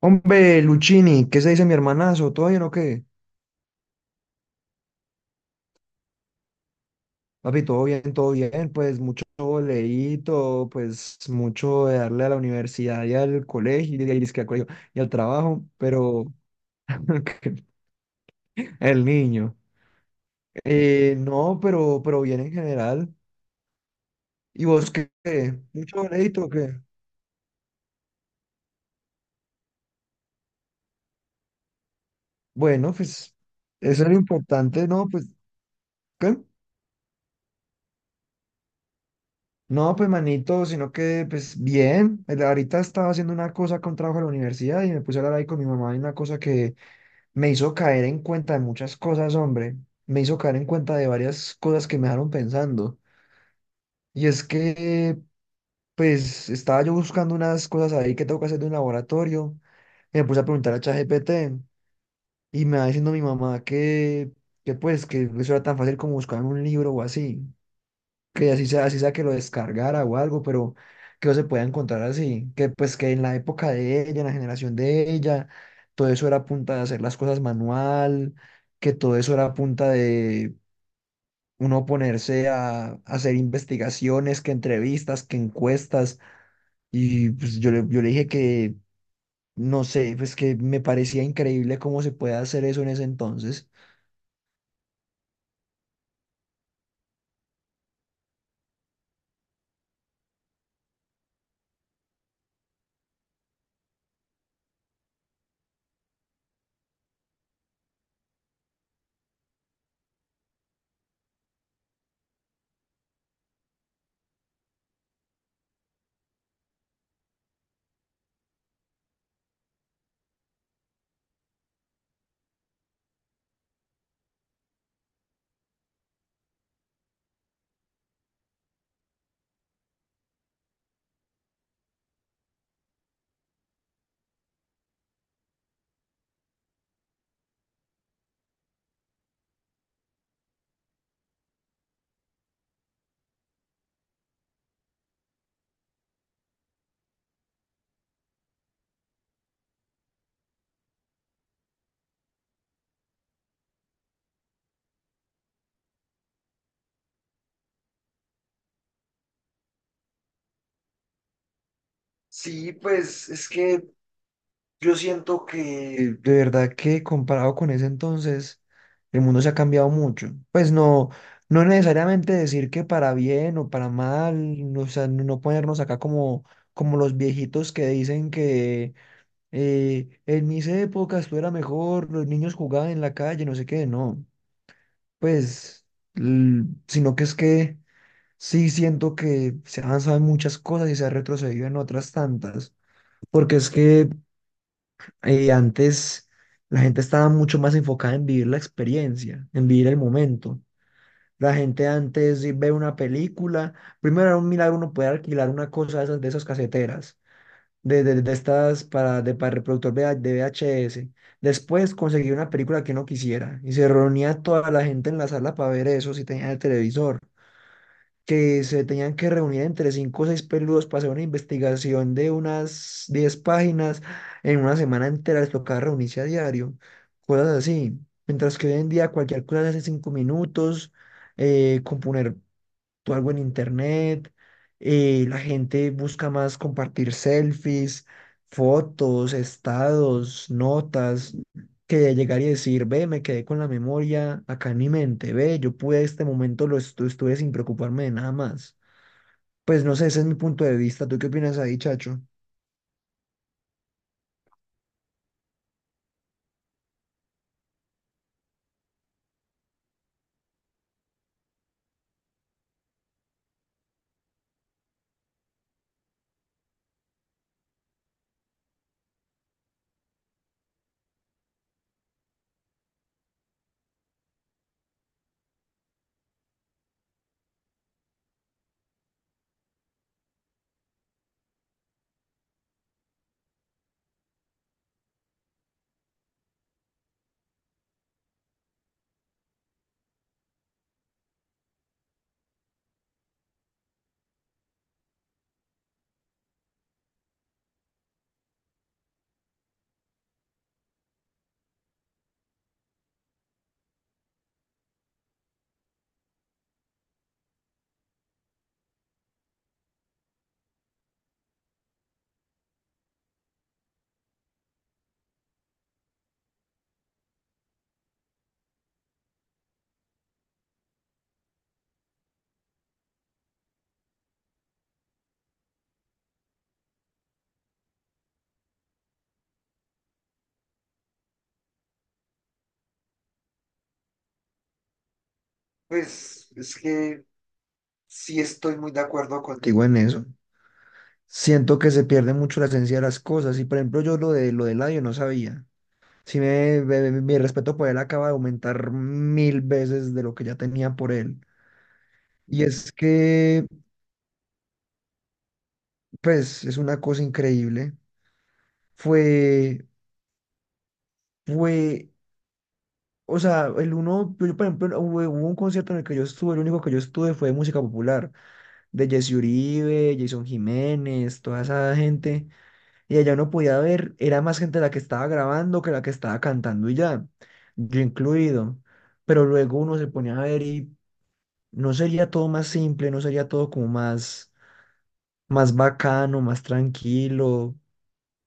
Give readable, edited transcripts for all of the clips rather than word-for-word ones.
Hombre, Luchini, ¿qué se dice mi hermanazo? ¿Todo bien o qué? Papi, todo bien, pues mucho boleíto, pues mucho de darle a la universidad y al colegio, al colegio y al trabajo, pero el niño. No, pero bien en general. ¿Y vos qué? ¿Mucho boleíto o qué? Bueno, pues eso es lo importante, ¿no? Pues, ¿qué? No, pues manito, sino que pues bien, ahorita estaba haciendo una cosa con trabajo de la universidad y me puse a hablar ahí con mi mamá y una cosa que me hizo caer en cuenta de muchas cosas, hombre, me hizo caer en cuenta de varias cosas que me dejaron pensando. Y es que pues estaba yo buscando unas cosas ahí que tengo que hacer de un laboratorio y me puse a preguntar a ChatGPT y me va diciendo mi mamá que pues que eso era tan fácil como buscar en un libro o así. Que así sea que lo descargara o algo, pero que no se pueda encontrar así, que pues que en la época de ella, en la generación de ella, todo eso era a punta de hacer las cosas manual, que todo eso era a punta de uno ponerse a hacer investigaciones, que entrevistas, que encuestas, y pues yo le dije que, no sé, pues que me parecía increíble cómo se puede hacer eso en ese entonces. Sí, pues es que yo siento que de verdad que comparado con ese entonces, el mundo se ha cambiado mucho. Pues no, no necesariamente decir que para bien o para mal, o sea, no ponernos acá como, como los viejitos que dicen que en mis épocas tú era mejor, los niños jugaban en la calle, no sé qué, no. Pues, sino que es que sí siento que se ha avanzado en muchas cosas y se ha retrocedido en otras tantas. Porque es que antes la gente estaba mucho más enfocada en vivir la experiencia, en vivir el momento. La gente antes sí ve una película, primero era un milagro uno poder alquilar una cosa de esas caseteras, de estas para, de, para reproductor de VHS. Después conseguir una película que uno quisiera y se reunía toda la gente en la sala para ver eso si tenía el televisor que se tenían que reunir entre cinco o seis peludos para hacer una investigación de unas 10 páginas en una semana entera, les tocaba reunirse a diario, cosas así. Mientras que hoy en día cualquier cosa se hace en cinco minutos, componer tú algo en internet, la gente busca más compartir selfies, fotos, estados, notas, que de llegar y decir, ve, me quedé con la memoria acá en mi mente, ve, yo pude este momento, estuve sin preocuparme de nada más. Pues no sé, ese es mi punto de vista. ¿Tú qué opinas ahí, Chacho? Pues es que sí estoy muy de acuerdo contigo en eso. Siento que se pierde mucho la esencia de las cosas y por ejemplo yo lo de lo del audio no sabía. Sí, mi respeto por él acaba de aumentar mil veces de lo que ya tenía por él. Y es que, pues, es una cosa increíble. Fue, fue, o sea, por ejemplo, no, hubo, hubo un concierto en el que yo estuve, el único que yo estuve fue de música popular, de Jesse Uribe, Jason Jiménez, toda esa gente. Y allá uno podía ver, era más gente la que estaba grabando que la que estaba cantando y ya, yo incluido. Pero luego uno se ponía a ver y ¿no sería todo más simple? ¿No sería todo como más, más bacano, más tranquilo,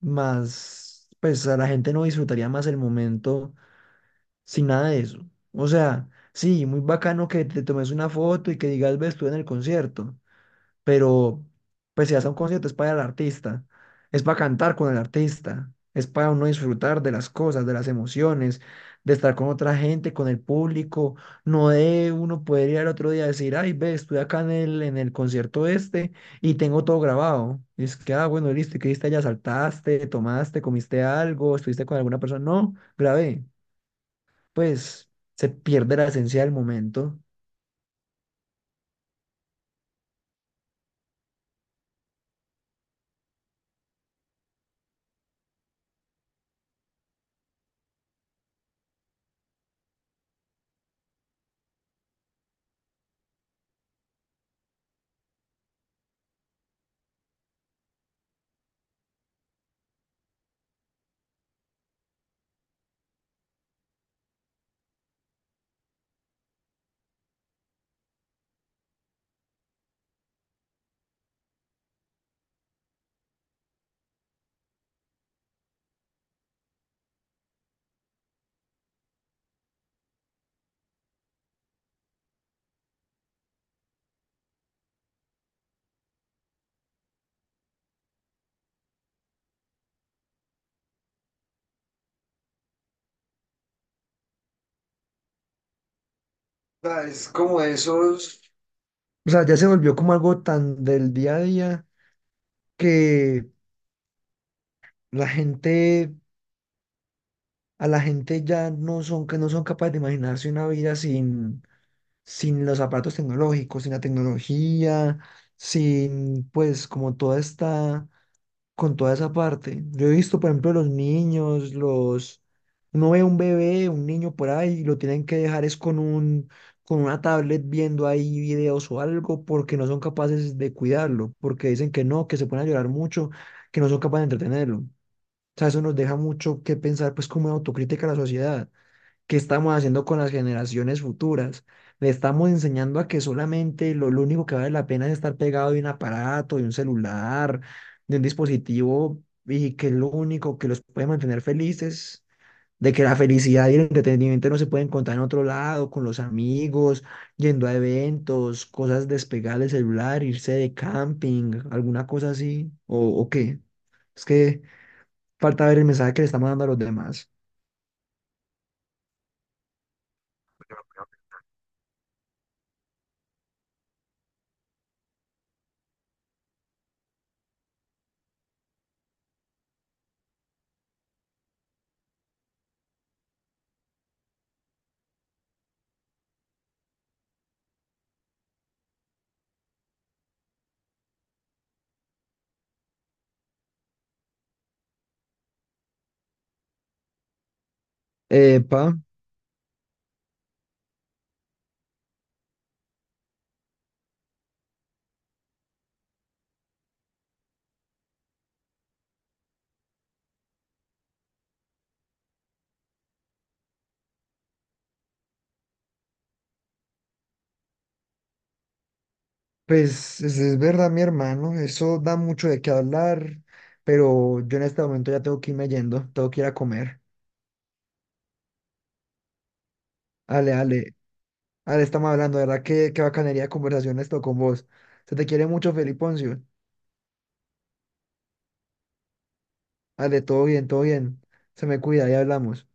más, pues a la gente no disfrutaría más el momento sin nada de eso? O sea, sí, muy bacano que te tomes una foto y que digas, ves, estuve en el concierto, pero pues si vas a un concierto es para el artista, es para cantar con el artista, es para uno disfrutar de las cosas, de las emociones, de estar con otra gente, con el público, no de uno poder ir al otro día a decir, ay, ve, estuve acá en el concierto este y tengo todo grabado. Y es que, ah, bueno, listo, ¿y qué hiciste allá? ¿Saltaste, tomaste, comiste algo, estuviste con alguna persona? No, grabé. Pues se pierde la esencia del momento. Sea, es como esos. O sea, ya se volvió como algo tan del día a día que la gente, a la gente ya no son, que no son capaces de imaginarse una vida sin los aparatos tecnológicos, sin la tecnología, sin pues como toda esta con toda esa parte. Yo he visto, por ejemplo, los niños, los... Uno ve un bebé, un niño por ahí, y lo tienen que dejar es con una tablet viendo ahí videos o algo, porque no son capaces de cuidarlo, porque dicen que no, que se ponen a llorar mucho, que no son capaces de entretenerlo. O sea, eso nos deja mucho que pensar, pues, como en autocrítica a la sociedad. ¿Qué estamos haciendo con las generaciones futuras? Le estamos enseñando a que solamente lo único que vale la pena es estar pegado de un aparato, de un celular, de un dispositivo, y que lo único que los puede mantener felices, de que la felicidad y el entretenimiento no se pueden encontrar en otro lado, con los amigos, yendo a eventos, cosas despegar del celular, irse de camping, alguna cosa así, o qué. Es que falta ver el mensaje que le estamos dando a los demás. Epa. Pues es verdad, mi hermano, eso da mucho de qué hablar, pero yo en este momento ya tengo que irme yendo, tengo que ir a comer. Ale, ale, ale, estamos hablando, de verdad, qué, qué bacanería de conversación esto con vos. Se te quiere mucho, Feliponcio. Ale, todo bien, todo bien. Se me cuida, ya hablamos.